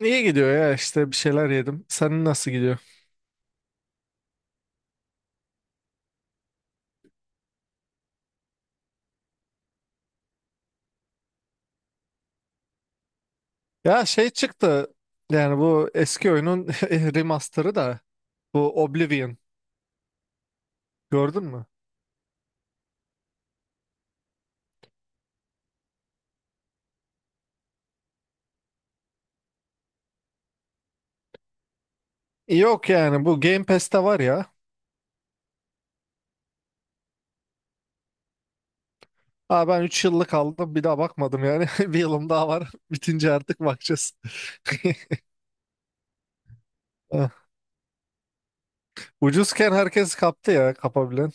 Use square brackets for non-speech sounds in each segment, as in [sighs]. İyi gidiyor ya işte bir şeyler yedim. Senin nasıl gidiyor? Ya şey çıktı yani, bu eski oyunun [laughs] remasterı, da bu Oblivion, gördün mü? Yok yani, bu Game Pass'te var ya. Aa, ben 3 yıllık aldım, bir daha bakmadım yani. [laughs] Bir yılım daha var, [laughs] bitince artık bakacağız. [laughs] Ah, ucuzken herkes kaptı ya, kapabilen.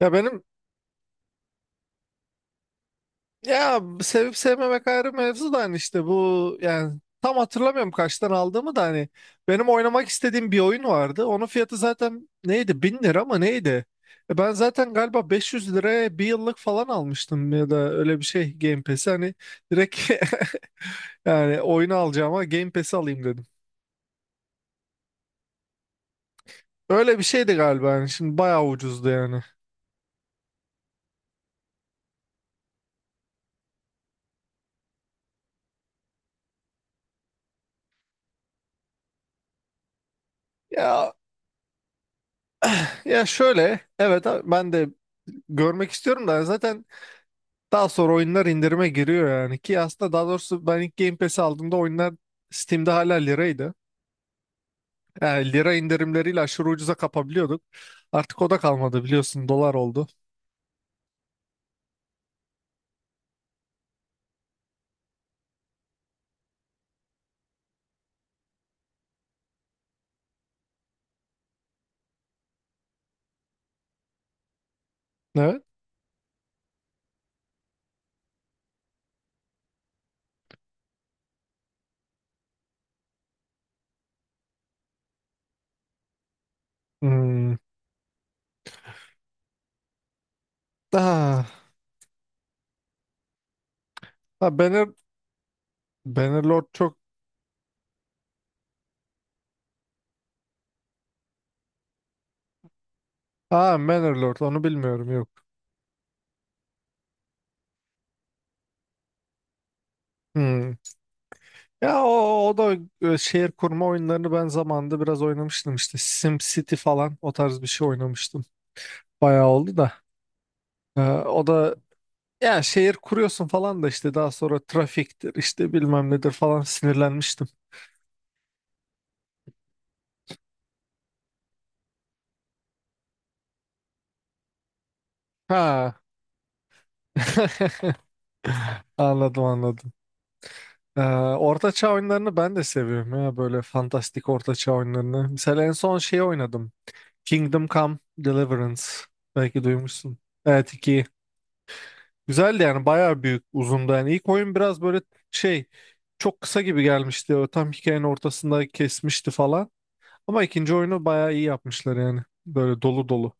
Ya benim Ya sevip sevmemek ayrı mevzu da, hani işte bu, yani tam hatırlamıyorum kaçtan aldığımı da. Hani benim oynamak istediğim bir oyun vardı. Onun fiyatı zaten neydi? 1000 lira mı neydi? Ben zaten galiba 500 liraya bir yıllık falan almıştım, ya da öyle bir şey Game Pass'i, hani direkt, [laughs] yani oyunu alacağıma Game Pass'i alayım dedim. Öyle bir şeydi galiba yani, şimdi bayağı ucuzdu yani. Ya [clears throat] [sighs] ya şöyle, evet abi, ben de görmek istiyorum da zaten. Daha sonra oyunlar indirime giriyor yani, ki aslında daha doğrusu ben ilk Game Pass'i aldığımda oyunlar Steam'de hala liraydı. Yani lira indirimleriyle aşırı ucuza kapabiliyorduk. Artık o da kalmadı biliyorsun, dolar oldu. Evet. Hmm. Ah, ha, Bannerlord çok... Ha, Bannerlord onu bilmiyorum, yok. Hmm. Ya o da, şehir kurma oyunlarını ben zamanında biraz oynamıştım işte. SimCity falan, o tarz bir şey oynamıştım. Bayağı oldu da. O da, ya şehir kuruyorsun falan da, işte daha sonra trafiktir işte, bilmem nedir falan, sinirlenmiştim. Ha, [laughs] anladım, anladım. Ee, Orta Çağ oyunlarını ben de seviyorum ya, böyle fantastik Orta Çağ oyunlarını. Mesela en son şey oynadım. Kingdom Come Deliverance. Belki duymuşsun. Evet, iki. Güzeldi yani, bayağı büyük, uzundu. Yani ilk oyun biraz böyle şey, çok kısa gibi gelmişti. O tam hikayenin ortasında kesmişti falan. Ama ikinci oyunu bayağı iyi yapmışlar yani. Böyle dolu dolu.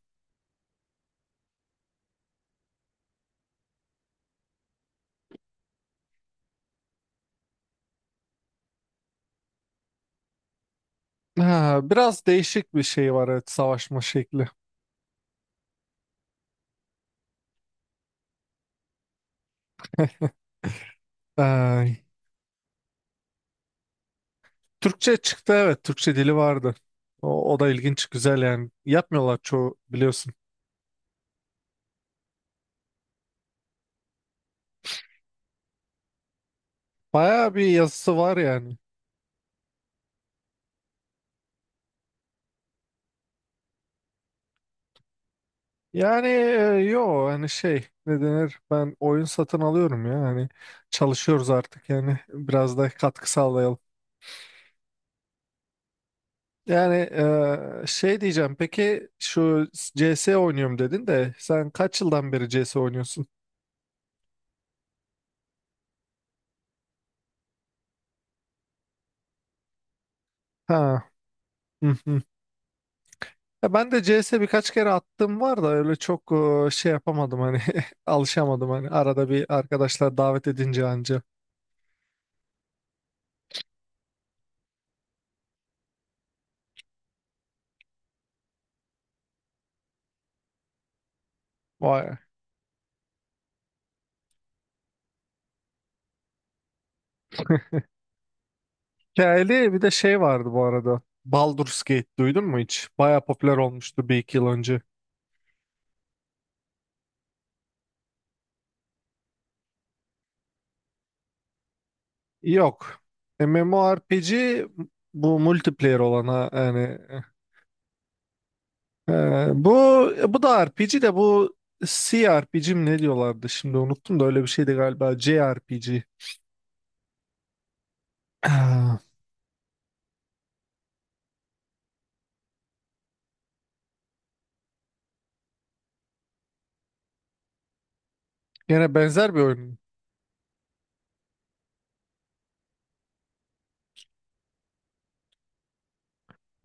Ha, biraz değişik bir şey var, evet, savaşma şekli. Ee, Türkçe çıktı, evet, Türkçe dili vardı. O da ilginç, güzel yani. Yapmıyorlar çoğu, biliyorsun. Bayağı bir yazısı var yani. Yani yo, hani şey, ne denir, ben oyun satın alıyorum ya, hani çalışıyoruz artık yani, biraz da katkı sağlayalım. Yani şey diyeceğim, peki şu CS oynuyorum dedin de, sen kaç yıldan beri CS oynuyorsun? Ha. [laughs] Ya ben de CS birkaç kere attığım var da, öyle çok şey yapamadım hani, [laughs] alışamadım, hani arada bir arkadaşlar davet edince anca. Vay. Hikayeli bir de şey vardı bu arada. Baldur's Gate duydun mu hiç? Baya popüler olmuştu bir iki yıl önce. Yok. MMORPG bu multiplayer olana yani, e, bu bu da RPG, de bu CRPG mi ne diyorlardı, şimdi unuttum da. Öyle bir şeydi galiba, CRPG. [clears throat] Gene benzer bir oyun.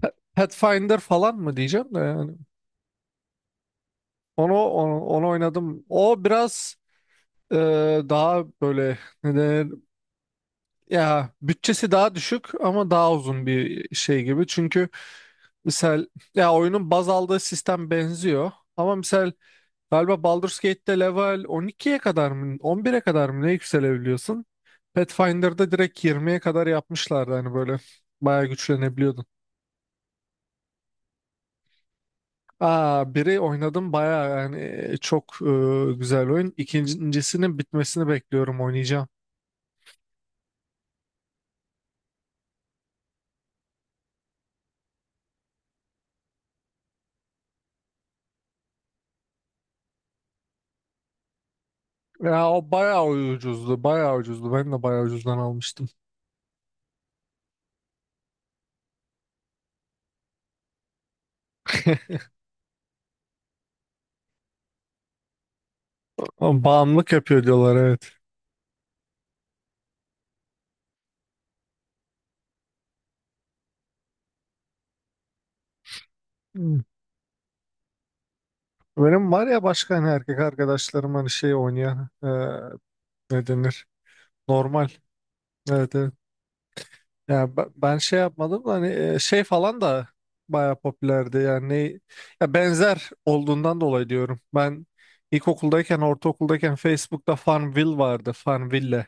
Pathfinder falan mı diyeceğim de yani. Onu oynadım. O biraz, e, daha böyle, ne denir, ya bütçesi daha düşük ama daha uzun bir şey gibi. Çünkü misal, ya oyunun baz aldığı sistem benziyor. Ama misal, galiba Baldur's Gate'te level 12'ye kadar mı, 11'e kadar mı ne yükselebiliyorsun? Pathfinder'da direkt 20'ye kadar yapmışlardı, hani böyle bayağı güçlenebiliyordun. Aa, biri oynadım bayağı yani, çok güzel oyun. İkincisinin bitmesini bekliyorum, oynayacağım. Ya o bayağı ucuzdu, bayağı ucuzdu. Ben de bayağı ucuzdan almıştım. [laughs] Ama bağımlılık yapıyor diyorlar, evet. Hmm. Benim var ya, başka hani erkek arkadaşlarım hani şey oynayan, ne denir? Normal. Evet, evet. Ya ben şey yapmadım da, hani şey falan da baya popülerdi yani, ya benzer olduğundan dolayı diyorum. Ben ilkokuldayken, ortaokuldayken Facebook'ta Farmville vardı, Farmville.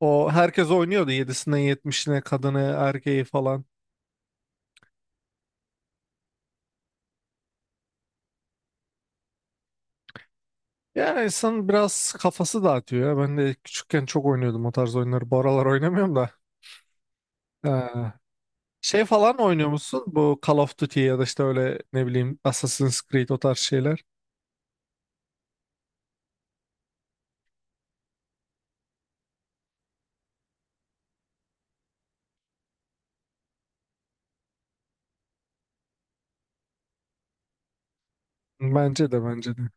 O herkes oynuyordu, 7'sinden 70'ine, kadını erkeği falan. Yani insan biraz kafası dağıtıyor ya. Ben de küçükken çok oynuyordum o tarz oyunları. Bu aralar oynamıyorum da. Ha. Şey falan oynuyor musun? Bu Call of Duty ya da işte öyle, ne bileyim, Assassin's Creed, o tarz şeyler. Bence de, bence de.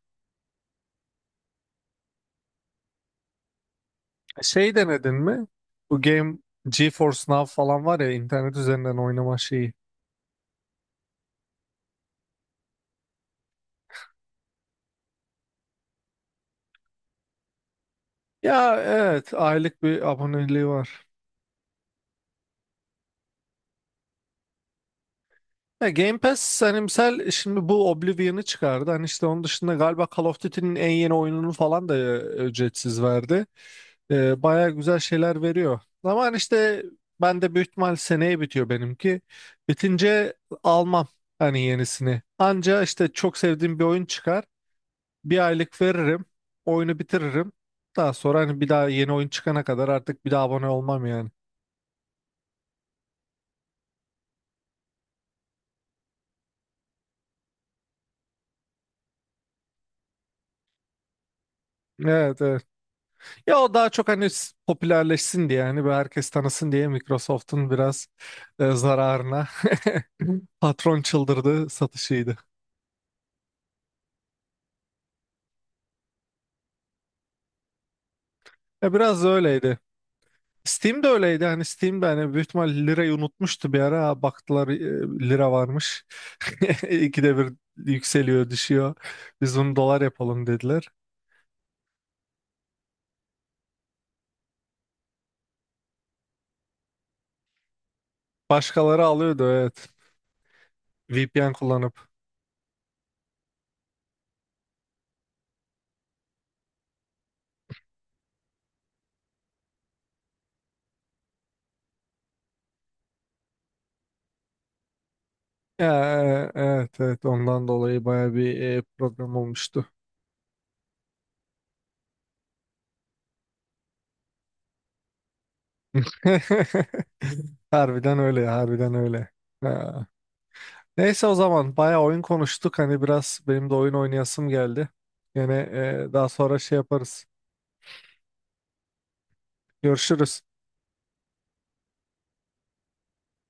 Şey denedin mi? Bu game GeForce Now falan var ya, internet üzerinden oynama şeyi. Ya evet, aylık bir aboneliği var. Ya Game Pass, hani misal şimdi bu Oblivion'ı çıkardı. Hani işte onun dışında galiba Call of Duty'nin en yeni oyununu falan da ücretsiz verdi. Baya güzel şeyler veriyor. Ama hani işte, ben de büyük ihtimal seneye bitiyor benimki. Bitince almam hani yenisini. Anca işte çok sevdiğim bir oyun çıkar. Bir aylık veririm. Oyunu bitiririm. Daha sonra hani bir daha yeni oyun çıkana kadar artık bir daha abone olmam yani. Evet, evet. Ya o daha çok hani popülerleşsin diye yani, ve herkes tanısın diye Microsoft'un biraz zararına, [clears throat] [laughs] patron çıldırdı satışıydı. Ya biraz da öyleydi. Steam de öyleydi, hani Steam de hani büyük ihtimal lirayı unutmuştu bir ara. Ha, baktılar, lira varmış. [laughs] İkide bir yükseliyor düşüyor. Biz bunu dolar yapalım dediler. Başkaları alıyordu, evet, VPN kullanıp. Ya, evet, evet, ondan dolayı baya bir problem olmuştu. [laughs] Harbiden öyle ya, harbiden öyle. Ha. Neyse, o zaman bayağı oyun konuştuk. Hani biraz benim de oyun oynayasım geldi. Yine daha sonra şey yaparız. Görüşürüz.